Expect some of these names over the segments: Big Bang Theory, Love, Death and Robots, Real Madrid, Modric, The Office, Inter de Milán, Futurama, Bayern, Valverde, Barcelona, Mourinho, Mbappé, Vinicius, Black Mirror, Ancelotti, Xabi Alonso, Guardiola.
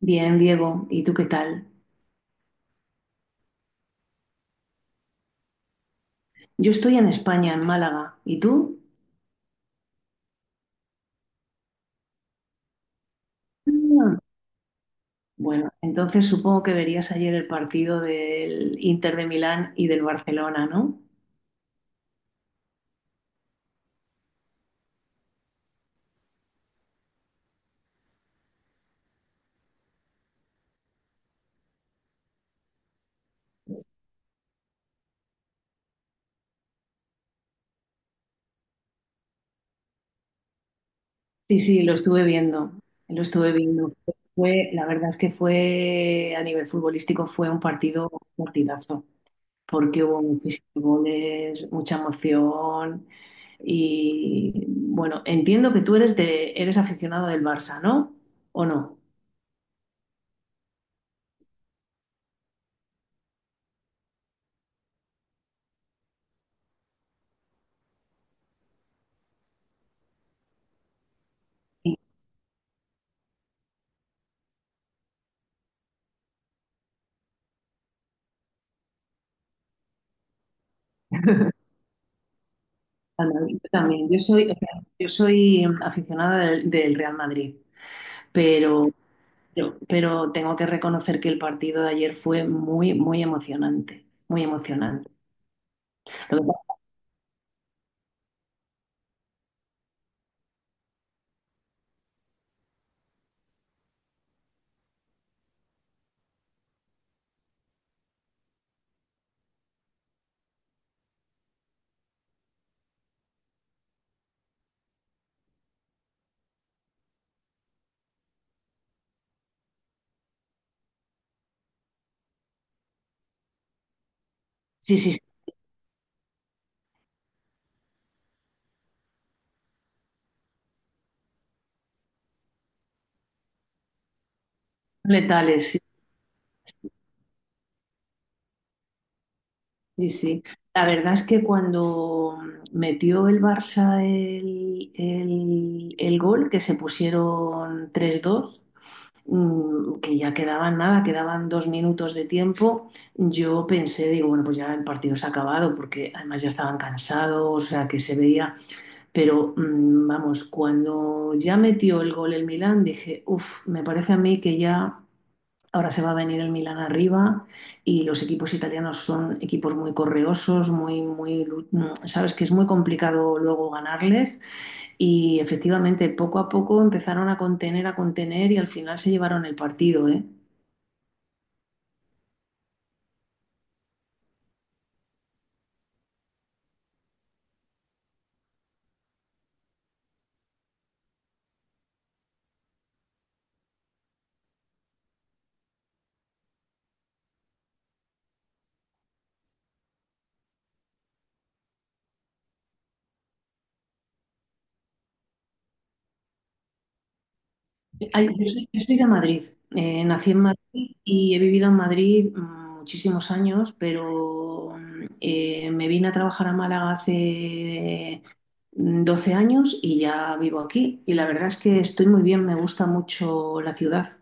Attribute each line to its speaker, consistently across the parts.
Speaker 1: Bien, Diego, ¿y tú qué tal? Yo estoy en España, en Málaga. ¿Y tú? Ah. Bueno, entonces supongo que verías ayer el partido del Inter de Milán y del Barcelona, ¿no? Sí, sí, lo estuve viendo, lo estuve viendo. Fue, la verdad es que fue, a nivel futbolístico, fue un partido un partidazo, porque hubo muchísimos goles, mucha emoción y, bueno, entiendo que tú eres de, eres aficionado del Barça, ¿no? ¿O no? Al Madrid también. Yo soy, o sea, yo soy aficionada del, del Real Madrid, pero, pero tengo que reconocer que el partido de ayer fue muy, muy emocionante, muy emocionante. Lo que pasa- sí, sí, sí, letales, sí, sí, sí. La verdad es que cuando metió el Barça el gol, que se pusieron tres dos que ya quedaban nada, quedaban dos minutos de tiempo, yo pensé, digo, bueno, pues ya el partido se ha acabado, porque además ya estaban cansados, o sea, que se veía, pero vamos, cuando ya metió el gol el Milán, dije, uff, me parece a mí que ya... Ahora se va a venir el Milán arriba y los equipos italianos son equipos muy correosos, muy, muy, sabes que es muy complicado luego ganarles. Y efectivamente, poco a poco empezaron a contener y al final se llevaron el partido, ¿eh? Ay, yo soy de Madrid, nací en Madrid y he vivido en Madrid muchísimos años, pero me vine a trabajar a Málaga hace 12 años y ya vivo aquí. Y la verdad es que estoy muy bien, me gusta mucho la ciudad.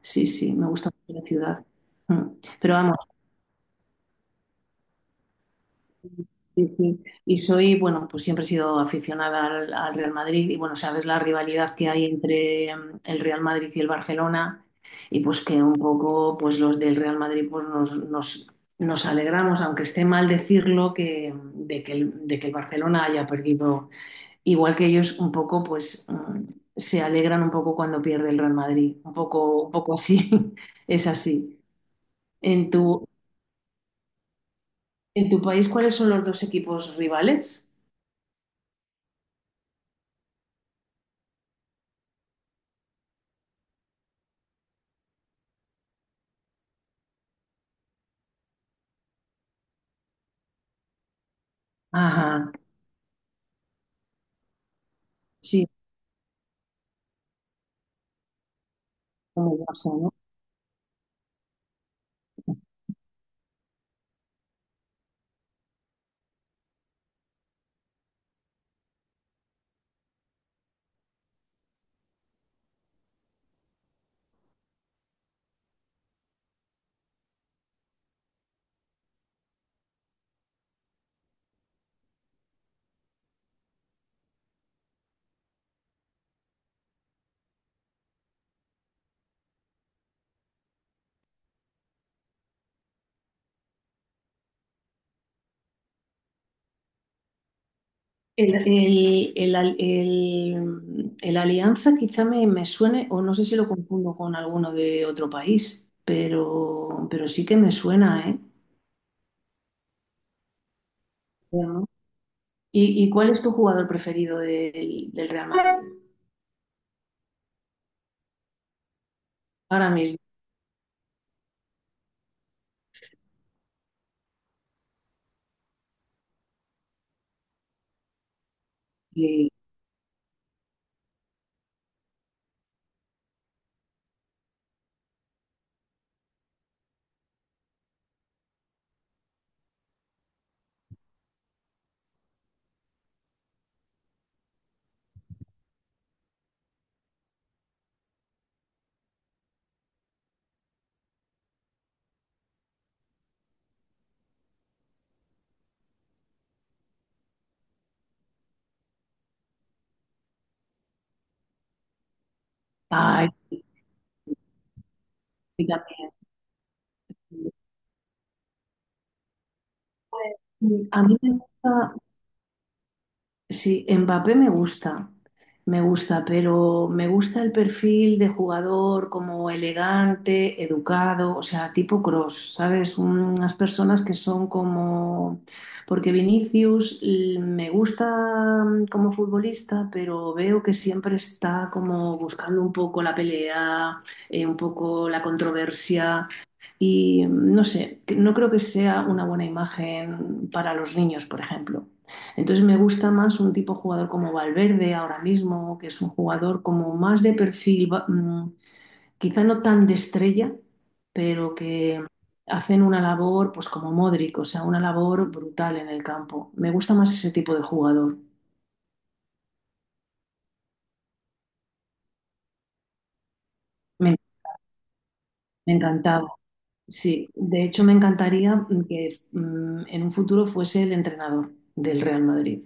Speaker 1: Sí, sí, me gusta mucho la ciudad. Mm. Pero vamos. Sí, sí. Y soy, bueno, pues siempre he sido aficionada al, al Real Madrid y bueno, sabes la rivalidad que hay entre el Real Madrid y el Barcelona y pues que un poco pues los del Real Madrid pues nos, nos, nos alegramos, aunque esté mal decirlo, que, de que el Barcelona haya perdido, igual que ellos un poco pues se alegran un poco cuando pierde el Real Madrid, un poco así, es así. En tu, en tu país, ¿cuáles son los dos equipos rivales? Ajá. Sí, como WhatsApp, ¿no? El al- el Alianza quizá me, me suene, o no sé si lo confundo con alguno de otro país, pero sí que me suena, ¿eh? Bueno, ¿y, y cuál es tu jugador preferido del, del Real Madrid? Ahora mismo. Sí. Ay, y también. A mí me gusta, sí, Mbappé me gusta, pero me gusta el perfil de jugador como elegante, educado, o sea, tipo Cross, ¿sabes? Unas personas que son como... Porque Vinicius l- me gusta como futbolista, pero veo que siempre está como buscando un poco la pelea, un poco la controversia y no sé, que- no creo que sea una buena imagen para los niños, por ejemplo. Entonces me gusta más un tipo de jugador como Valverde ahora mismo, que es un jugador como más de perfil, quizá no tan de estrella, pero que hacen una labor pues como Modric, o sea, una labor brutal en el campo. Me gusta más ese tipo de jugador. Me, me encantaba. Sí, de hecho me encantaría que en un futuro fuese el entrenador del Real Madrid.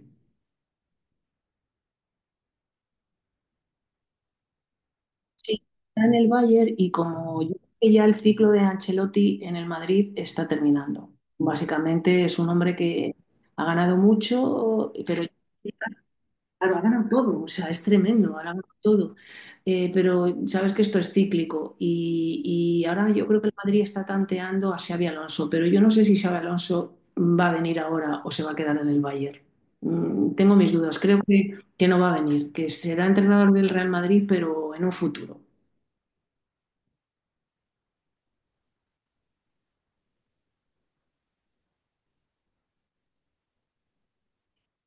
Speaker 1: Sí, está en el Bayern y como yo creo que ya el ciclo de Ancelotti en el Madrid está terminando. Básicamente es un hombre que ha ganado mucho, pero claro, ha ganado todo, o sea, es tremendo, ha ganado todo. Pero sabes que esto es cíclico y ahora yo creo que el Madrid está tanteando a Xabi Alonso, pero yo no sé si Xabi Alonso va a venir ahora o se va a quedar en el Bayern. Tengo mis dudas, creo que no va a venir, que será entrenador del Real Madrid, pero en un futuro.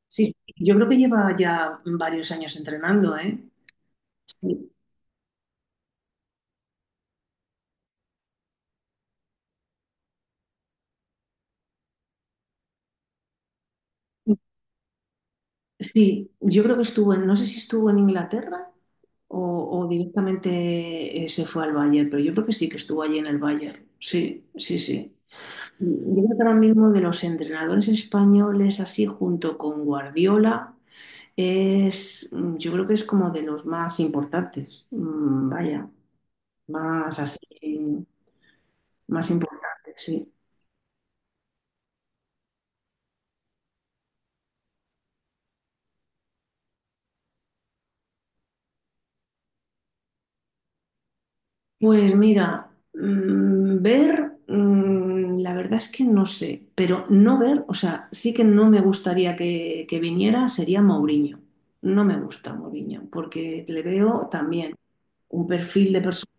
Speaker 1: Sí, sí, yo creo que lleva ya varios años entrenando, ¿eh? Sí, sí, yo creo que estuvo en, no sé si estuvo en Inglaterra o directamente se fue al Bayern, pero yo creo que sí que estuvo allí en el Bayern. Sí, sí, sí. Yo creo que ahora mismo de los entrenadores españoles, así junto con Guardiola, es, yo creo que es como de los más importantes. Mm, vaya, más así, más importantes, sí. Pues mira, ver, la verdad es que no sé, pero no ver, o sea, sí que no me gustaría que viniera, sería Mourinho. No me gusta Mourinho, porque le veo también un perfil de persona.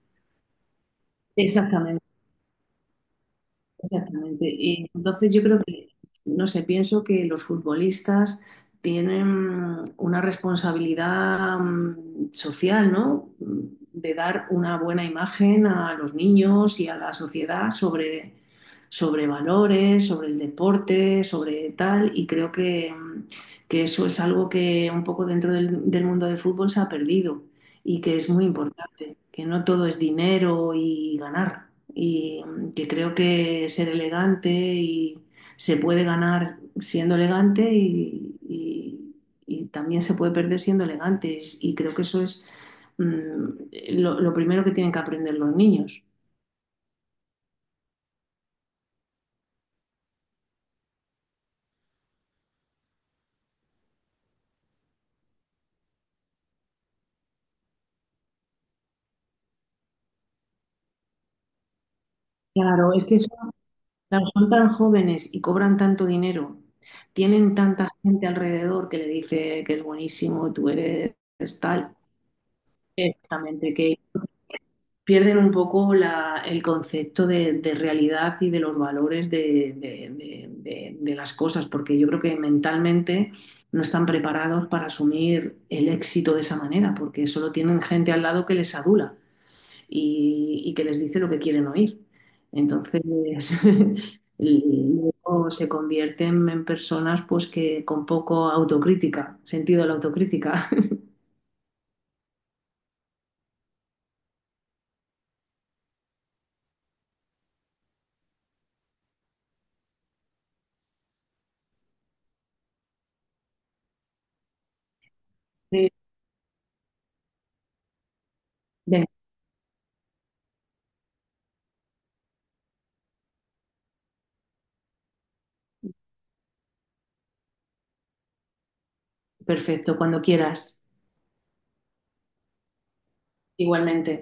Speaker 1: Exactamente. Y entonces yo creo que, no sé, pienso que los futbolistas tienen una responsabilidad social, ¿no? De dar una buena imagen a los niños y a la sociedad sobre, sobre valores, sobre el deporte, sobre tal. Y creo que, que eso es algo que un poco dentro del, del mundo del fútbol se ha perdido y que es muy importante, que no todo es dinero y ganar, y que creo que ser elegante y se puede ganar siendo elegante y también se puede perder siendo elegante, y creo que eso es lo primero que tienen que aprender los niños. Claro, es que son, claro, son tan jóvenes y cobran tanto dinero, tienen tanta gente alrededor que le dice que es buenísimo, tú eres tal, exactamente, que pierden un poco la- el concepto de realidad y de los valores de las cosas, porque yo creo que mentalmente no están preparados para asumir el éxito de esa manera, porque solo tienen gente al lado que les adula y que les dice lo que quieren oír. Entonces, luego se convierten en personas pues que con poco autocrítica, sentido de la autocrítica. Sí. Venga, perfecto, cuando quieras. Igualmente.